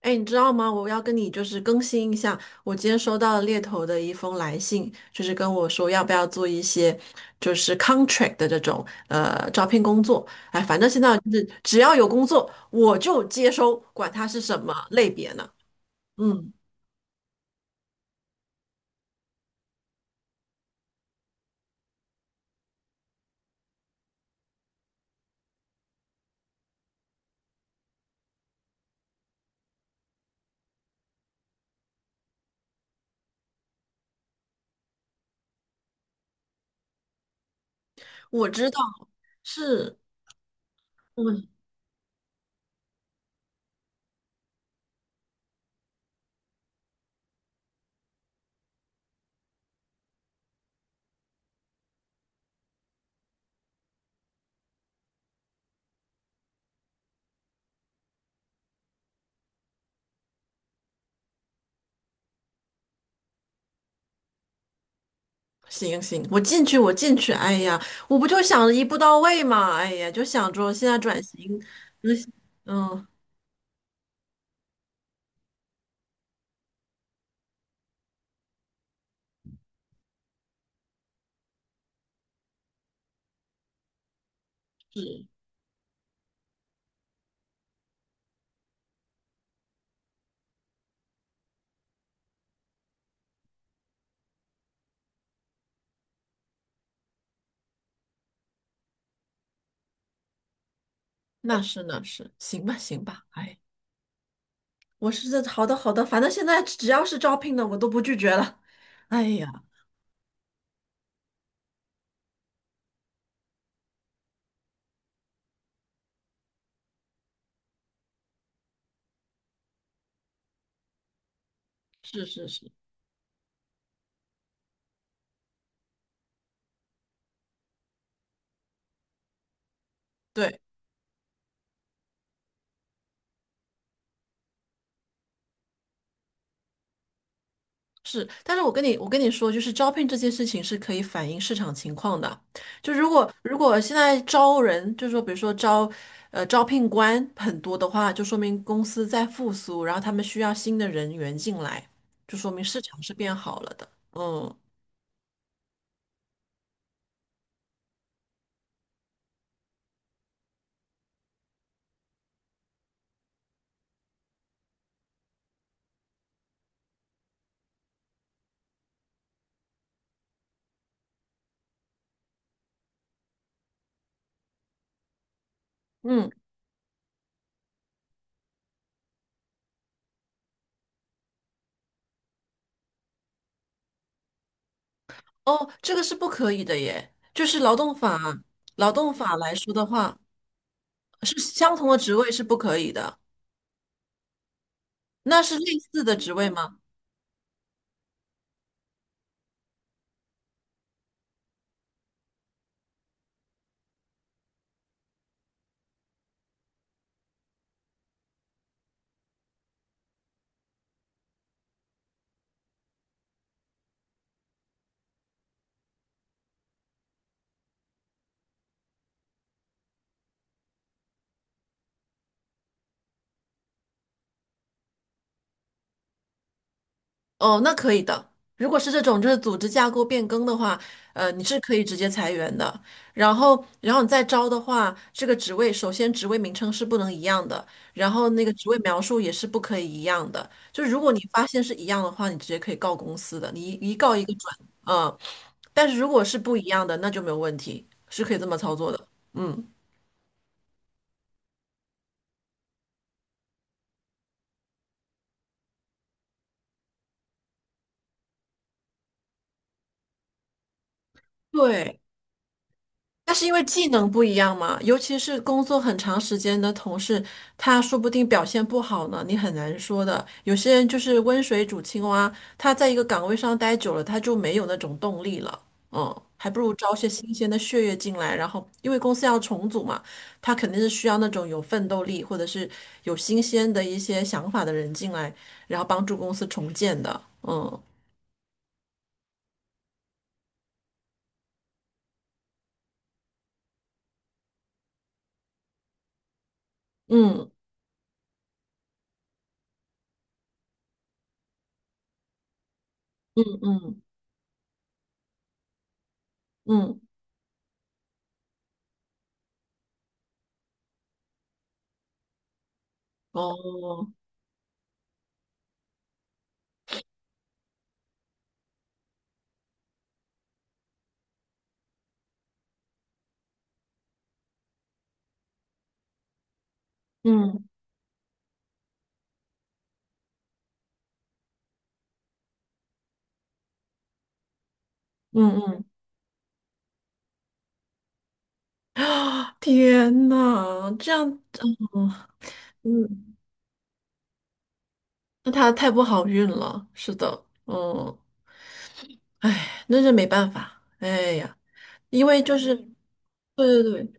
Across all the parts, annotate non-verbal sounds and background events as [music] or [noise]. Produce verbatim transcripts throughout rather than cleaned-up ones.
哎，你知道吗？我要跟你就是更新一下，我今天收到了猎头的一封来信，就是跟我说要不要做一些就是 contract 的这种呃招聘工作。哎，反正现在就是只要有工作我就接收，管它是什么类别呢。嗯，我知道。是，嗯，行行，我进去我进去。哎呀，我不就想着一步到位嘛。哎呀，就想着现在转型，嗯嗯，那是那是，行吧行吧。哎呀，我是这。好的好的，反正现在只要是招聘的，我都不拒绝了。[laughs] 哎呀，是是是，对。是，但是我跟你我跟你说，就是招聘这件事情是可以反映市场情况的。就如果如果现在招人，就是说比如说招呃招聘官很多的话，就说明公司在复苏，然后他们需要新的人员进来，就说明市场是变好了的。嗯嗯。哦，这个是不可以的耶，就是劳动法。劳动法来说的话。是，相同的职位是不可以的，那是类似的职位吗？哦，那可以的。如果是这种就是组织架构变更的话，呃，你是可以直接裁员的。然后，然后你再招的话，这个职位，首先职位名称是不能一样的，然后那个职位描述也是不可以一样的。就是如果你发现是一样的话，你直接可以告公司的，你一一告一个准，嗯。但是如果是不一样的，那就没有问题，是可以这么操作的，嗯。对，那是因为技能不一样嘛，尤其是工作很长时间的同事，他说不定表现不好呢，你很难说的。有些人就是温水煮青蛙，他在一个岗位上待久了，他就没有那种动力了。嗯，还不如招些新鲜的血液进来，然后因为公司要重组嘛，他肯定是需要那种有奋斗力或者是有新鲜的一些想法的人进来，然后帮助公司重建的。嗯嗯。嗯嗯嗯，哦，嗯嗯嗯。[gasps] 啊天呐，这样，嗯嗯，那他太不好运了。是的，嗯，哎，那是没办法。哎呀，因为就是，对对对，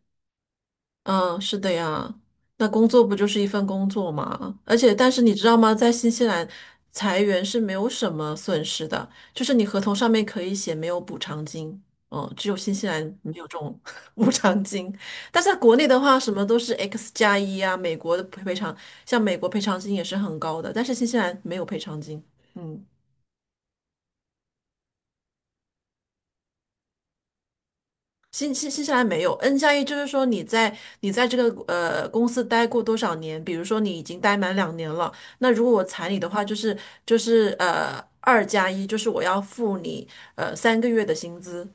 嗯，是的呀，那工作不就是一份工作嘛？而且，但是你知道吗，在新西兰裁员是没有什么损失的，就是你合同上面可以写没有补偿金，嗯，只有新西兰没有这种 [laughs] 补偿金。但是在国内的话，什么都是 X 加一啊，美国的赔赔偿，像美国赔偿金也是很高的，但是新西兰没有赔偿金，嗯。新新新西兰没有 N 加一，就是说你在你在这个呃公司待过多少年？比如说你已经待满两年了，那如果我裁你的话，就是就是呃二加一，就是我要付你呃三个月的薪资。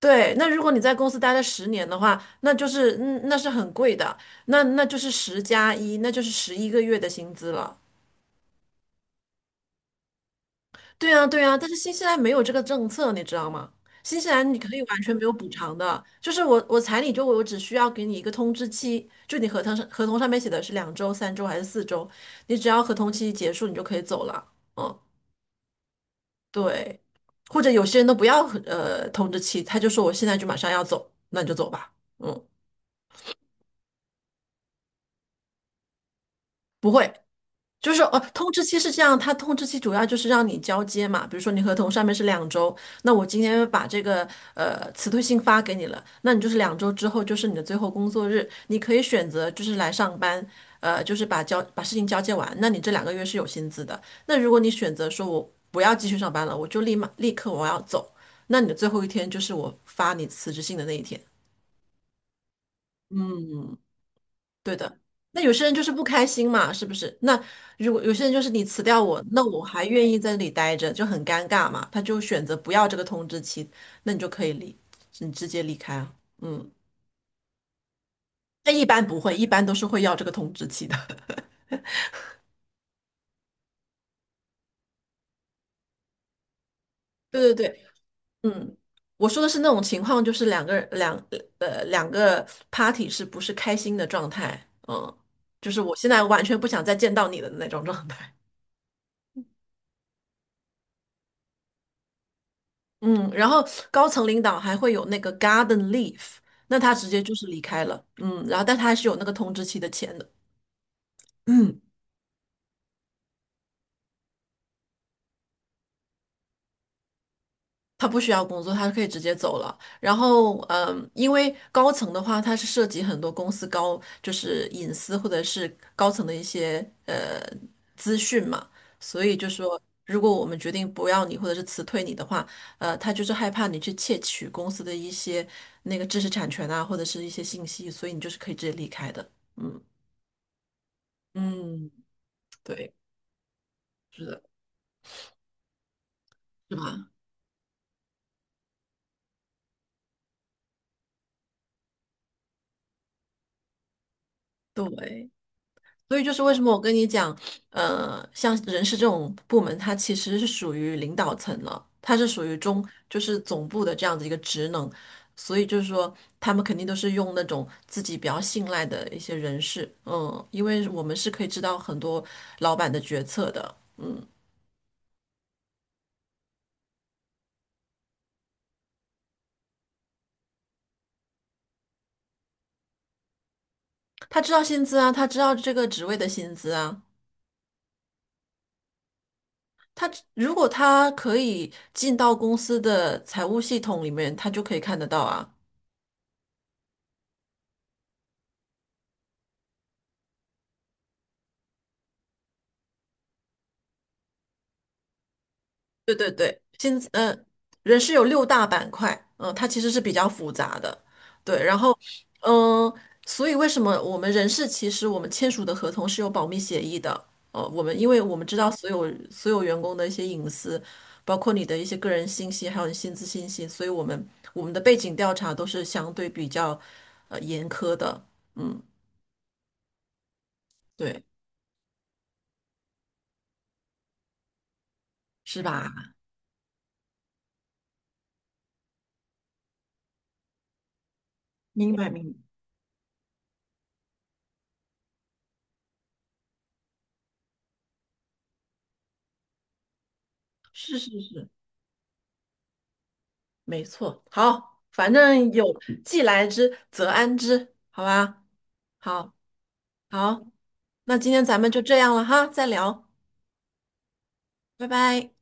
对，那如果你在公司待了十年的话，那就是嗯那是很贵的，那那就是十加一，那就是十一个月的薪资了。对啊，对啊，但是新西兰没有这个政策，你知道吗？新西兰你可以完全没有补偿的，就是我我彩礼就我只需要给你一个通知期，就你合同上合同上面写的是两周、三周还是四周，你只要合同期结束你就可以走了。嗯，对，或者有些人都不要呃通知期，他就说我现在就马上要走，那你就走吧。嗯，不会。就是哦，通知期是这样，它通知期主要就是让你交接嘛。比如说你合同上面是两周，那我今天把这个呃辞退信发给你了，那你就是两周之后就是你的最后工作日，你可以选择就是来上班，呃，就是把交把事情交接完，那你这两个月是有薪资的。那如果你选择说我不要继续上班了，我就立马立刻我要走，那你的最后一天就是我发你辞职信的那一天。嗯，对的。那有些人就是不开心嘛，是不是？那如果有些人就是你辞掉我，那我还愿意在这里待着，就很尴尬嘛。他就选择不要这个通知期，那你就可以离，你直接离开啊。嗯，但一般不会，一般都是会要这个通知期的。[laughs] 对对对，嗯，我说的是那种情况，就是两个人两呃两个 party 是不是开心的状态？嗯，就是我现在完全不想再见到你的那种状态。嗯，然后高层领导还会有那个 garden leave，那他直接就是离开了，嗯，然后但他还是有那个通知期的钱的，嗯，他不需要工作，他可以直接走了。然后，嗯，因为高层的话，它是涉及很多公司高就是隐私或者是高层的一些呃资讯嘛，所以就说如果我们决定不要你或者是辞退你的话，呃，他就是害怕你去窃取公司的一些那个知识产权啊，或者是一些信息，所以你就是可以直接离开的。嗯。嗯，对，是的，是吧？对，所以就是为什么我跟你讲，呃，像人事这种部门，它其实是属于领导层了，它是属于中，就是总部的这样子一个职能，所以就是说，他们肯定都是用那种自己比较信赖的一些人事，嗯，因为我们是可以知道很多老板的决策的，嗯，他知道薪资啊，他知道这个职位的薪资啊，他如果他可以进到公司的财务系统里面，他就可以看得到啊。对对对，现呃，人事有六大板块，嗯、呃它其实是比较复杂的。对，然后嗯、呃所以为什么我们人事其实我们签署的合同是有保密协议的？呃，我们因为我们知道所有所有员工的一些隐私，包括你的一些个人信息，还有你薪资信息，所以我们我们的背景调查都是相对比较呃严苛的。嗯，对，是吧？明白，明白，是是是，没错。好，反正有既来之则安之，好吧？好，好，那今天咱们就这样了哈，再聊，拜拜。